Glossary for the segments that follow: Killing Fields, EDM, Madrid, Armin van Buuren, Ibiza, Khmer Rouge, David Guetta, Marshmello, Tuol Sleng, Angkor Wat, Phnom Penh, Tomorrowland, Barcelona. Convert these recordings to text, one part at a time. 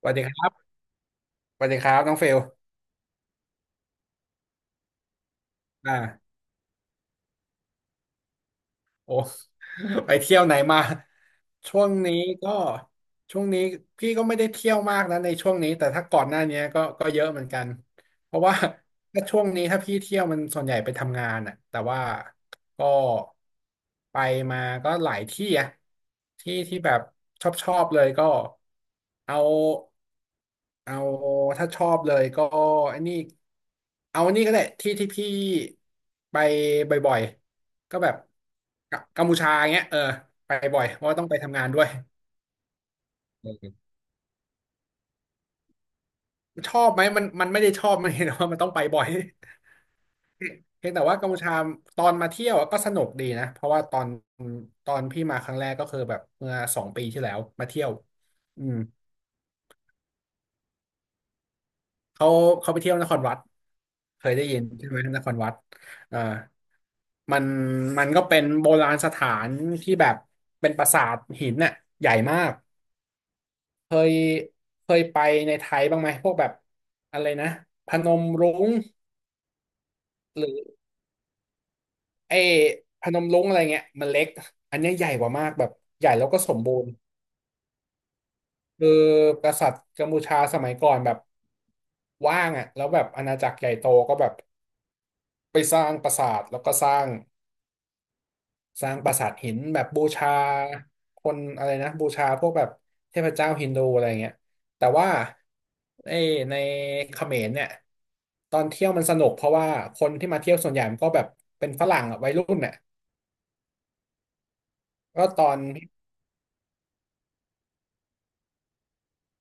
สวัสดีครับ สวัสดีครับ น้องเฟลอ่า โอ้ ไปเที่ยวไหนมาช่วงนี้ก็ช่วงนี้พี่ก็ไม่ได้เที่ยวมากนะในช่วงนี้แต่ถ้าก่อนหน้านี้ก็เยอะเหมือนกัน เพราะว่า ถ้าพี่เที่ยวมันส่วนใหญ่ไปทำงานอ่ะแต่ว่าก็ไปมาก็หลายที่อะที่ที่แบบชอบเลยก็เอาเอาถ้าชอบเลยก็ไอันนี้เอาอันนี้ก็ได้ที่ที่พี่ไปบ่อยๆ ก็แบบกัมพูชาอย่างเงี้ยเออไปบ่อยเพราะว่าต้องไปทำงานด้วยอืชอบไหมมันไม่ได้ชอบ มันเห็นว่ามันต้องไปบ่อย เพียงแต่ว่ากัมพูชาตอนมาเที่ยวอะก็สนุกดีนะเพราะว่าตอนพี่มาครั้งแรกก็คือแบบเมื่อสองปีที่แล้วมาเที่ยวอืมเขาเขาไปเที่ยวนครวัดเคยได้ยินใช่ไหมนครวัดเอ่ามันมันก็เป็นโบราณสถานที่แบบเป็นปราสาทหินน่ะใหญ่มาก เคยเคยไปในไทยบ้างไหมพวกแบบอะไรนะพนมรุ้งหรือไอ้พนมรุ้งอะไรเงี้ยมันเล็กอันเนี้ยใหญ่กว่ามากแบบใหญ่แล้วก็สมบูรณ์คือกษัตริย์กัมพูชาสมัยก่อนแบบว่างอ่ะแล้วแบบอาณาจักรใหญ่โตก็แบบไปสร้างปราสาทแล้วก็สร้างปราสาทหินแบบบูชาคนอะไรนะบูชาพวกแบบเทพเจ้าฮินดูอะไรเงี้ยแต่ว่าไอ้ในเขมรเนี่ยตอนเที่ยวมันสนุกเพราะว่าคนที่มาเที่ยวส่วนใหญ่มันก็แบบเป็นฝรั่งอะวัยรุ่นเนี่ยก็ตอน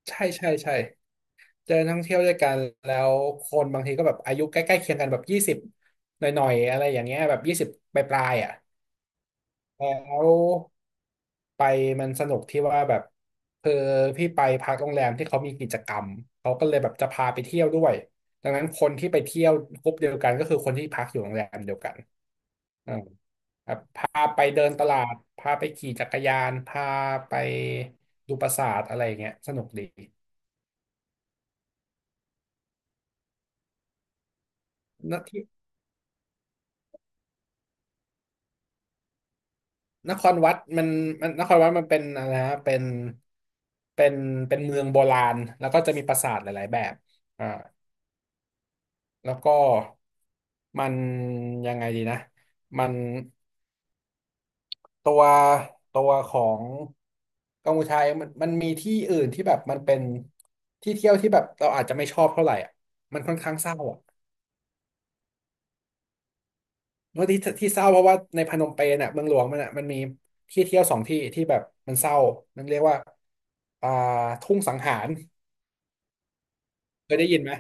ใช่ใช่ใช่เจอนักท่องเที่ยวด้วยกันแล้วคนบางทีก็แบบอายุใกล้ๆเคียงกันแบบยี่สิบหน่อยๆอะไรอย่างเงี้ยแบบยี่สิบปลายๆอ่ะแล้ว ไปมันสนุกที่ว่าแบบพือพี่ไปพักโรงแรมที่เขามีกิจกรรมเขาก็เลยแบบจะพาไปเที่ยวด้วยดังนั้นคนที่ไปเที่ยวกลุ่มเดียวกันก็คือคนที่พักอยู่โรงแรมเดียวกันอ่าแบบพาไปเดินตลาดพาไปขี่จักรยานพาไปดูปราสาทอะไรอย่างเงี้ยสนุกดีนที่นครวัดมันเป็นอะไรนะเป็นเป็นเป็นเมืองโบราณแล้วก็จะมีปราสาทหลายๆแบบอ่า แล้วก็มันยังไงดีนะมันตัวตัวของกัมพูชาเองมันมีที่อื่นที่แบบมันเป็นที่เที่ยวที่แบบเราอาจจะไม่ชอบเท่าไหร่อ่ะมันค่อนข้างเศร้าอ่ะเมื่อที่ที่เศร้าเพราะว่าในพนมเปญอ่ะเมืองหลวงมันอ่ะมันมีที่เที่ยวสองที่ที่แบบมันเศร้ามันเรียกว่าอ่าทุ่งสังหารเคยได้ยินไหม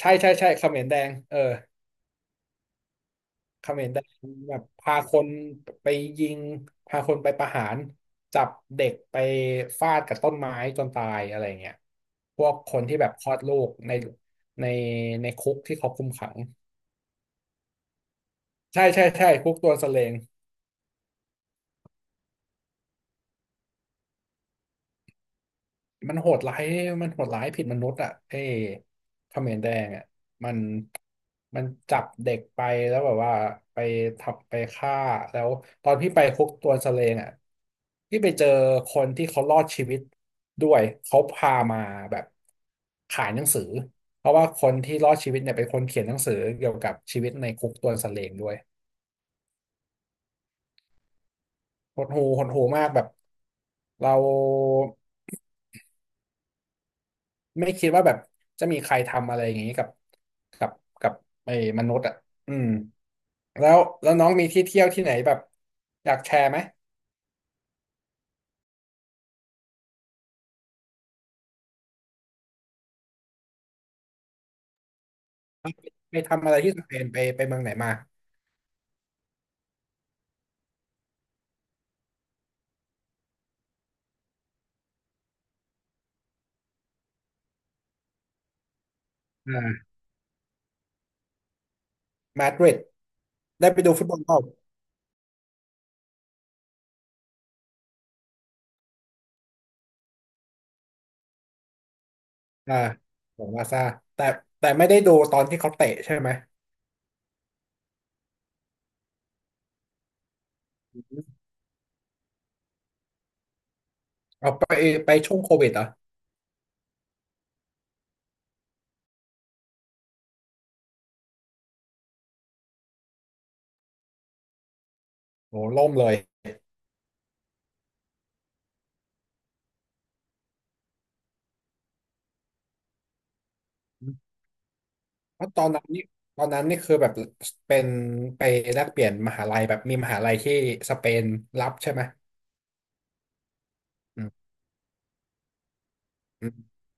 ใช่ใช่ใช่เขมรแดงเออ เขมรแดงแบบพาคนไปยิงพาคนไปประหารจับเด็กไปฟาดกับต้นไม้จนตายอะไรเงี้ยพวกคนที่แบบคลอดลูกในในคุกที่เขาคุมขังใช่ใช่ใช่คุกตัวสเลง มันโหดร้ายมันโหดร้ายผิดมนุษย์อ่ะไอ้เขมรแดงอ่ะมันมันจับเด็กไปแล้วแบบว่าไปทับไปฆ่าแล้วตอนพี่ไปคุกตัวสะเลงอ่ะพี่ไปเจอคนที่เขารอดชีวิตด้วยเขาพามาแบบขายหนังสือเพราะว่าคนที่รอดชีวิตเนี่ยเป็นคนเขียนหนังสือเกี่ยวกับชีวิตในคุกตัวสะเลงด้วยหดหูหดหูมากแบบเรา ไม่คิดว่าแบบจะมีใครทำอะไรอย่างนี้กับกับกับไอ้มนุษย์อ่ะอืมแล้วแล้วน้องมีที่เที่ยวที่ไหนแบบอยากแชร์ไหมไปทำอะไรที่สเปนไปเมืองไหนมาอ่ามาดริดได้ไปดูฟุตบอลเปล่าอ่าของบาร์ซ่าแต่แต่ไม่ได้ดูตอนที่เขาเตะใช่ไหมเอาไปช่วงโควิดเหรอโหล่มเลยเพราะตอนนั้นนี่คือแบบเป็นไปแลกเปลี่ยนมหาลัยแบบมีมหาลัยที่สเปนรับใช่ไหมอืมอ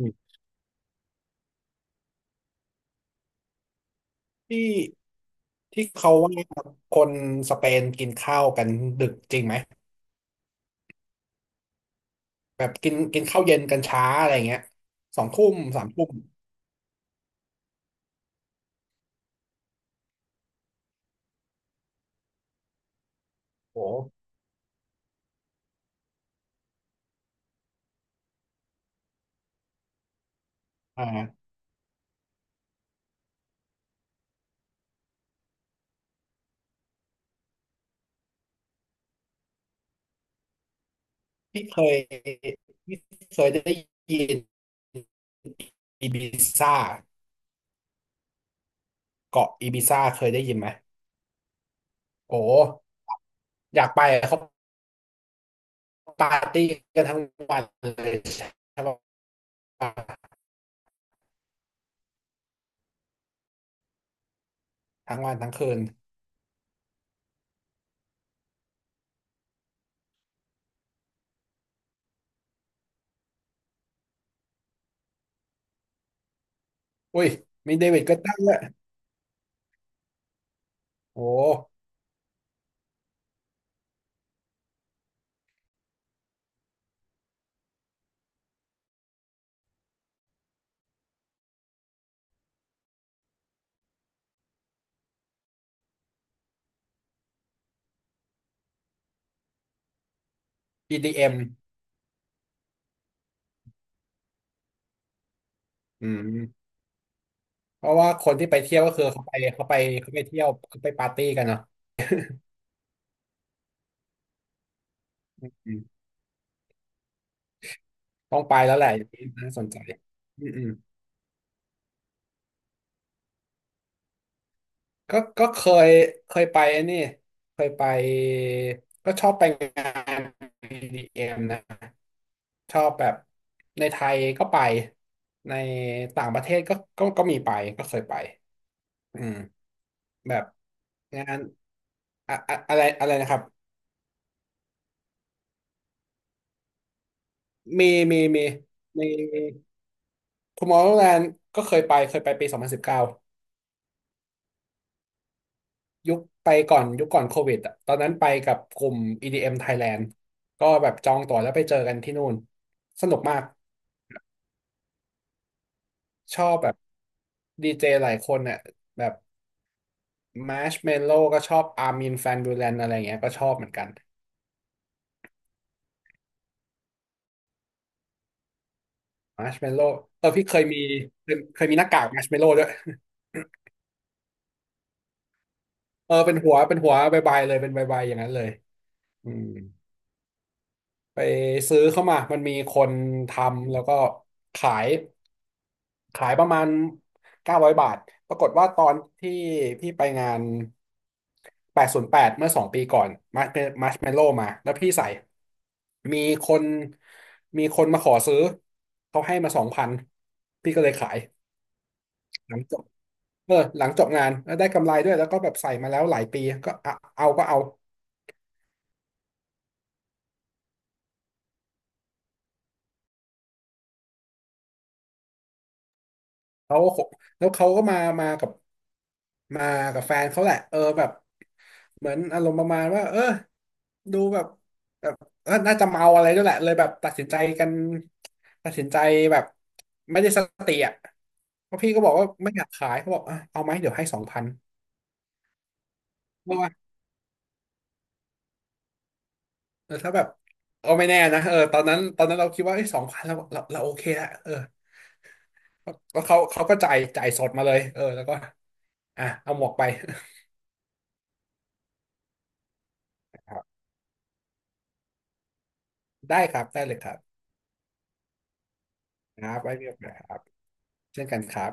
ืม ที่ที่เขาว่าคนสเปนกินข้าวกันดึกจริงไหมแบบกินกินข้าวเย็นกันช้าอะไรเงี้ยสองทุ่มสามทุ่มโอ้อ่าพี่เคยพี่เคยได้ยินอีบิซ่าเกาะอีบิซ่าเคยได้ยินไหมโอ้อยากไปเขาปาร์ตี้กันทั้งวันเลยใช่ปะทั้งวันทั้งคืนอุ้ยมีเดวิดก็ตั้งด้วยโอ้อีดีเอมอืม เพราะว่าคนที่ไปเที่ยวก็คือเขาไปเที่ยวเขาไปปาร์ตี้กันเนาะอืมต้องไปแล้วแหละอย่างนี้น่าสนใจอืมอืมก็ยเคยไปไอ้นี่เคยไปก็ชอบไปงานอ d m นะชอบแบบในไทยก็ไปในต่างประเทศก็มีไปก็เคยไปอืมแบบงานอะอะอะไรอะไรนะครับมีมีมีมี Tomorrowland ก็เคยไปปี2019 ยุคไปก่อนยุคก่อนโควิดอะตอนนั้นไปกับกลุ่ม EDM Thailand ก็แบบจองตั๋วแล้วไปเจอกันที่นู่นสนุกมาก ชอบแบบดีเจหลายคนเนี่ยแบบมาร์ชเมลโล่ก็ชอบอาร์มินแฟนบูแลนอะไรเงี้ยก็ชอบเหมือนกันมาร์ชเมลโล่เออพี่เคยมีเคยมีหน้ากากมาร์ชเมลโล่ด้วย เออเป็นหัวเป็นหัวบายบายเลยเป็นบายบายอย่างนั้นเลยอืม ไปซื้อเข้ามามันมีคนทำแล้วก็ขายขายประมาณ900 บาท ปรากฏว่าตอนที่พี่ไปงาน808เมื่อ2 ปีก่อนมาร์ชมาร์ชเมลโล่มาแล้วพี่ใส่มีคนมีคนมาขอซื้อเขาให้มาสองพันพี่ก็เลยขายหลังจบหลังจบงานแล้วได้กำไรด้วยแล้วก็แบบใส่มาแล้วหลายปีก็เอา เขาก็คบแล้วเขาก็มากับแฟนเขาแหละเออแบบเหมือนอารมณ์ประมาณว่าเออดูแบบเออน่าจะเมาอะไรด้วยแหละเลยแบบตัดสินใจกันตัดสินใจแบบไม่ได้สติอ่ะเพราะพี่ก็บอกว่าไม่อยากขายเขาบอกอ่ะเอาไหมเดี๋ยวให้สองพันเพราะว่าเออถ้าแบบเอาไม่แน่นะเออตอนนั้นเราคิดว่าไอ้สองพันเราโอเคละเออแล้วเขาก็จ่ายสดมาเลยเออแล้วก็อ่ะเอาหมวกไป ครับได้ครับ ได้เลยครับ ครับไว้มีโอกาสครับ เช่นกันครับ